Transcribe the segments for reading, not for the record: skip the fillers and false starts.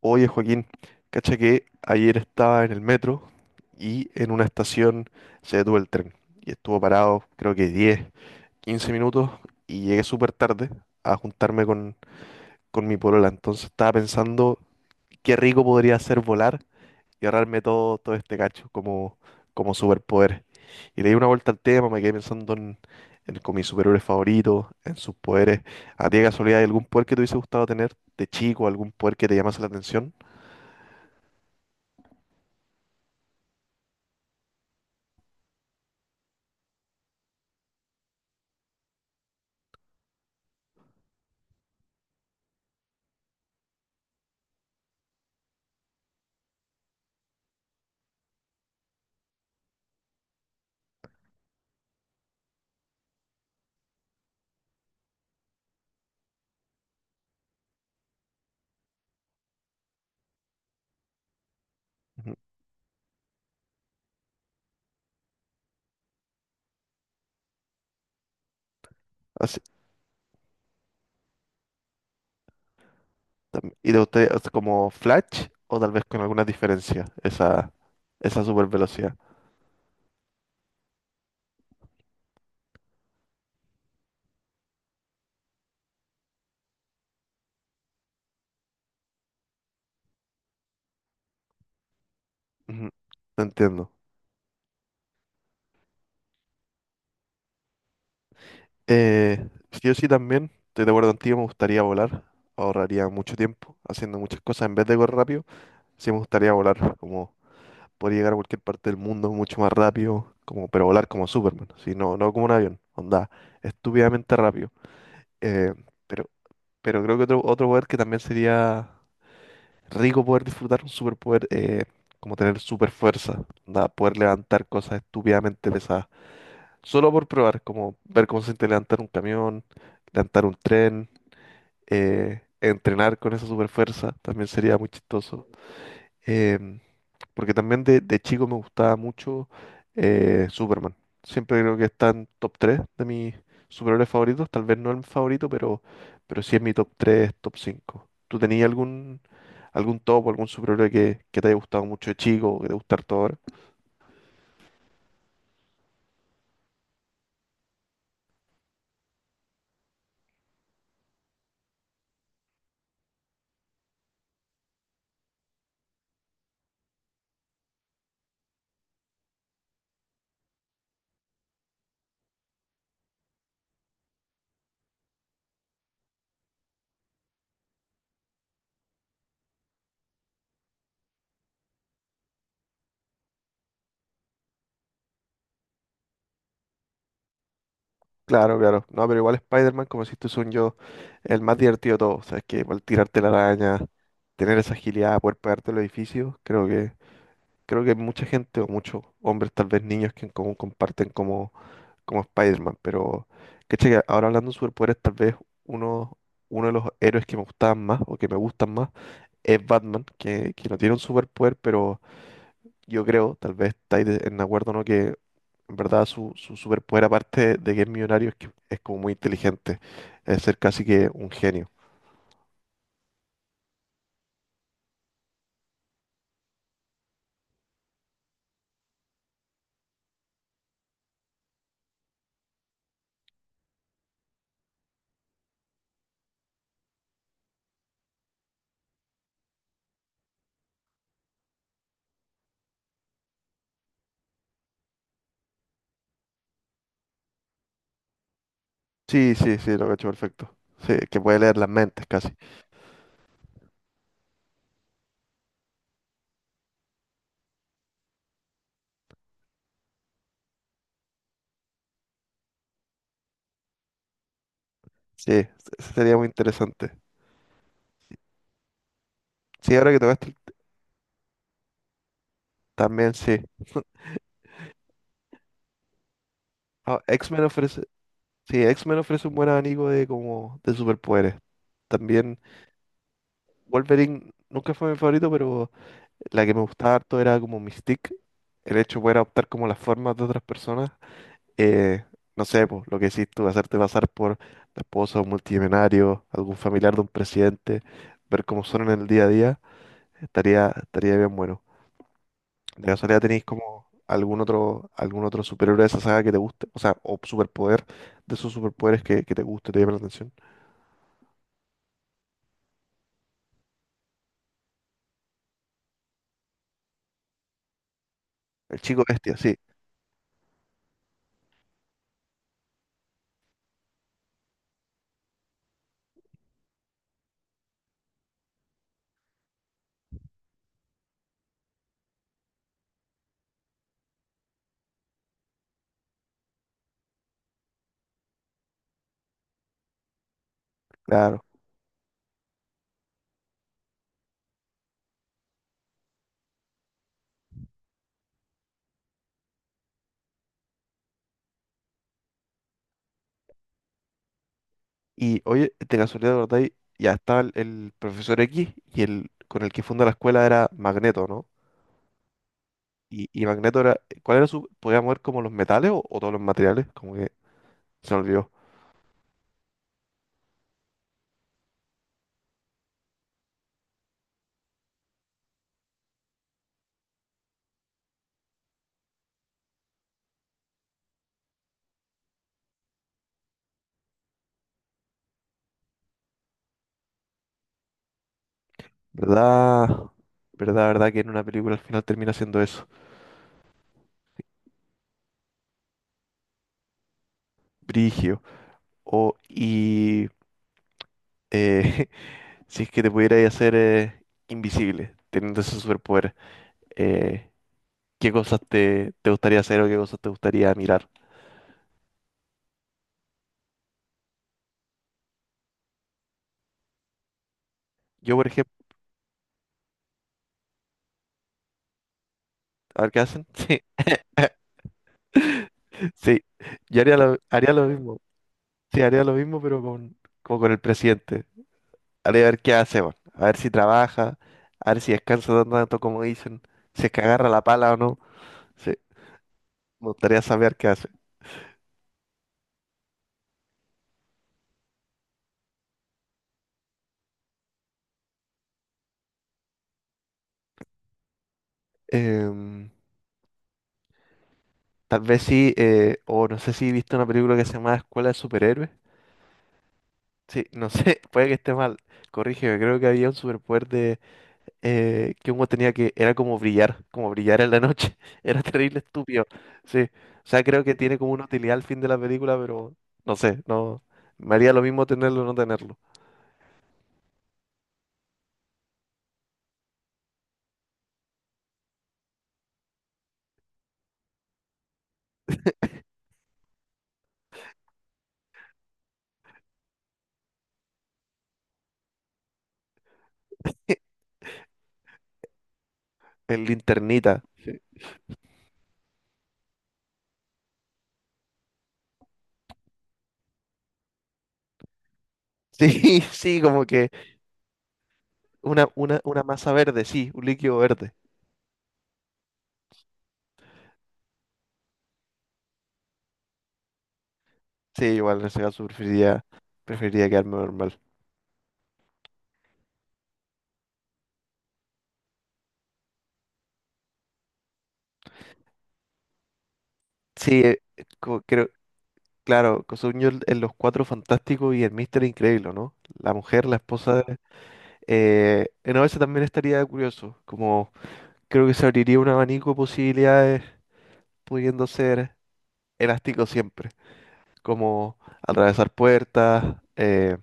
Oye, Joaquín, cacha que ayer estaba en el metro y en una estación se detuvo el tren y estuvo parado creo que 10, 15 minutos y llegué súper tarde a juntarme con mi polola. Entonces estaba pensando qué rico podría ser volar y ahorrarme todo este cacho como superpoder. Y le di una vuelta al tema, me quedé pensando en con mis superhéroes favoritos, en sus poderes. ¿A ti de casualidad hay algún poder que te hubiese gustado tener de chico, algún poder que te llamase la atención? Así y de ustedes, o como Flash, o tal vez con alguna diferencia esa super velocidad. Ujú, te entiendo. Sí, o sí también, estoy de acuerdo contigo, me gustaría volar. Ahorraría mucho tiempo haciendo muchas cosas en vez de correr rápido. Sí me gustaría volar, como podría llegar a cualquier parte del mundo mucho más rápido, como, pero volar como Superman, ¿sí? No, no como un avión, onda, estúpidamente rápido. Eh, pero, pero creo que otro poder que también sería rico poder disfrutar un superpoder, como tener super fuerza, onda, poder levantar cosas estúpidamente pesadas. Solo por probar, como ver cómo se siente levantar un camión, levantar un tren, entrenar con esa super fuerza, también sería muy chistoso. Em, Porque también de chico me gustaba mucho Superman. Siempre creo que está en top 3 de mis superhéroes favoritos. Tal vez no el favorito, pero sí es mi top 3, top 5. ¿Tú tenías algún top o algún superhéroe que te haya gustado mucho de chico o que te gusta harto ahora? Claro, claro. No, pero igual Spider-Man, como decís tú, son yo el más divertido de todos. O sea, es que igual tirarte la araña, tener esa agilidad, poder pegarte los edificios, creo que mucha gente o muchos hombres, tal vez niños, que en común comparten como Spider-Man. Pero caché que ahora, hablando de superpoderes, tal vez uno, uno de los héroes que me gustaban más o que me gustan más es Batman, que no tiene un superpoder, pero yo creo, tal vez estáis en acuerdo, ¿no? Que en verdad su superpoder, aparte de que es millonario, es que es como muy inteligente, es ser casi que un genio. Sí, sí, sí, lo cacho perfecto. Sí, que puede leer las mentes casi. Sí, sería muy interesante. Sí, ahora que tocaste también, sí. Ah, X-Men ofrece Sí, X-Men ofrece un buen abanico de como de superpoderes. También Wolverine nunca fue mi favorito, pero la que me gustaba harto era como Mystique. El hecho de poder adoptar como las formas de otras personas. Eh, no sé, pues, lo que decís tú, hacerte pasar por la esposa de un multimillonario, algún familiar de un presidente, ver cómo son en el día a día, estaría bien bueno. ¿De casualidad tenéis como algún otro superhéroe de esa saga que te guste? O sea, o superpoder de esos superpoderes que te guste, te llame la atención. El chico bestia, sí, claro. Y oye, de casualidad, ¿verdad? Y ya estaba el profesor X, y el con el que funda la escuela era Magneto, ¿no? Y Magneto era, ¿cuál era su, podía mover como los metales o todos los materiales? Como que se me olvidó. ¿Verdad? ¿Verdad que en una película al final termina siendo eso? Brigio. O, y eh, si es que te pudierais hacer invisible, teniendo ese superpoder, eh, ¿qué cosas te gustaría hacer o qué cosas te gustaría mirar? Yo, por ejemplo, a ver qué hacen. Sí, sí. Yo haría lo mismo. Sí, haría lo mismo, pero con, como con el presidente. Haría ver qué hace, weón. A ver si trabaja, a ver si descansa tanto como dicen, si es que agarra la pala o no. Sí, me gustaría saber qué hace. Em, Tal vez sí, o no sé si viste una película que se llama Escuela de Superhéroes. Sí, no sé, puede que esté mal. Corrígeme, creo que había un superpoder de que uno tenía que, era como brillar en la noche. Era terrible, estúpido. Sí. O sea, creo que tiene como una utilidad al fin de la película, pero no sé, no. Me haría lo mismo tenerlo o no tenerlo. El linternita. Sí, sí, como que una masa verde, sí, un líquido verde. Sí, igual en ese caso preferiría quedarme normal. Sí, creo, claro, Cosuño en Los Cuatro Fantásticos y el Mister Increíble, ¿no? La mujer, la esposa. No, eso también estaría curioso, como creo que se abriría un abanico de posibilidades pudiendo ser elástico siempre, como atravesar puertas,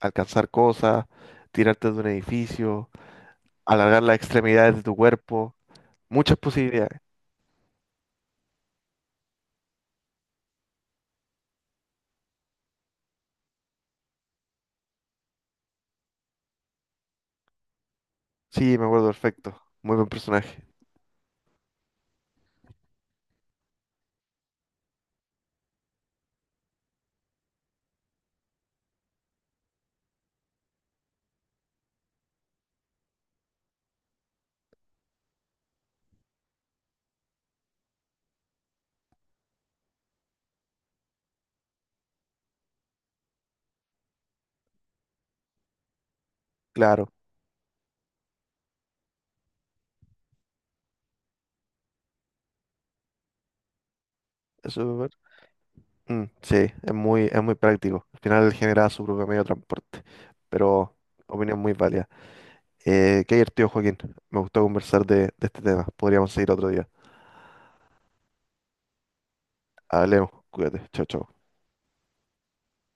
alcanzar cosas, tirarte de un edificio, alargar las extremidades de tu cuerpo, muchas posibilidades. Sí, me acuerdo perfecto, muy buen personaje, claro, eso sí, es muy práctico, al final genera su propio medio de transporte, pero opinión muy válida. Qué divertido, Joaquín. Me gustó conversar de este tema. Podríamos seguir otro día. Hablemos. Cuídate. Chao, chao.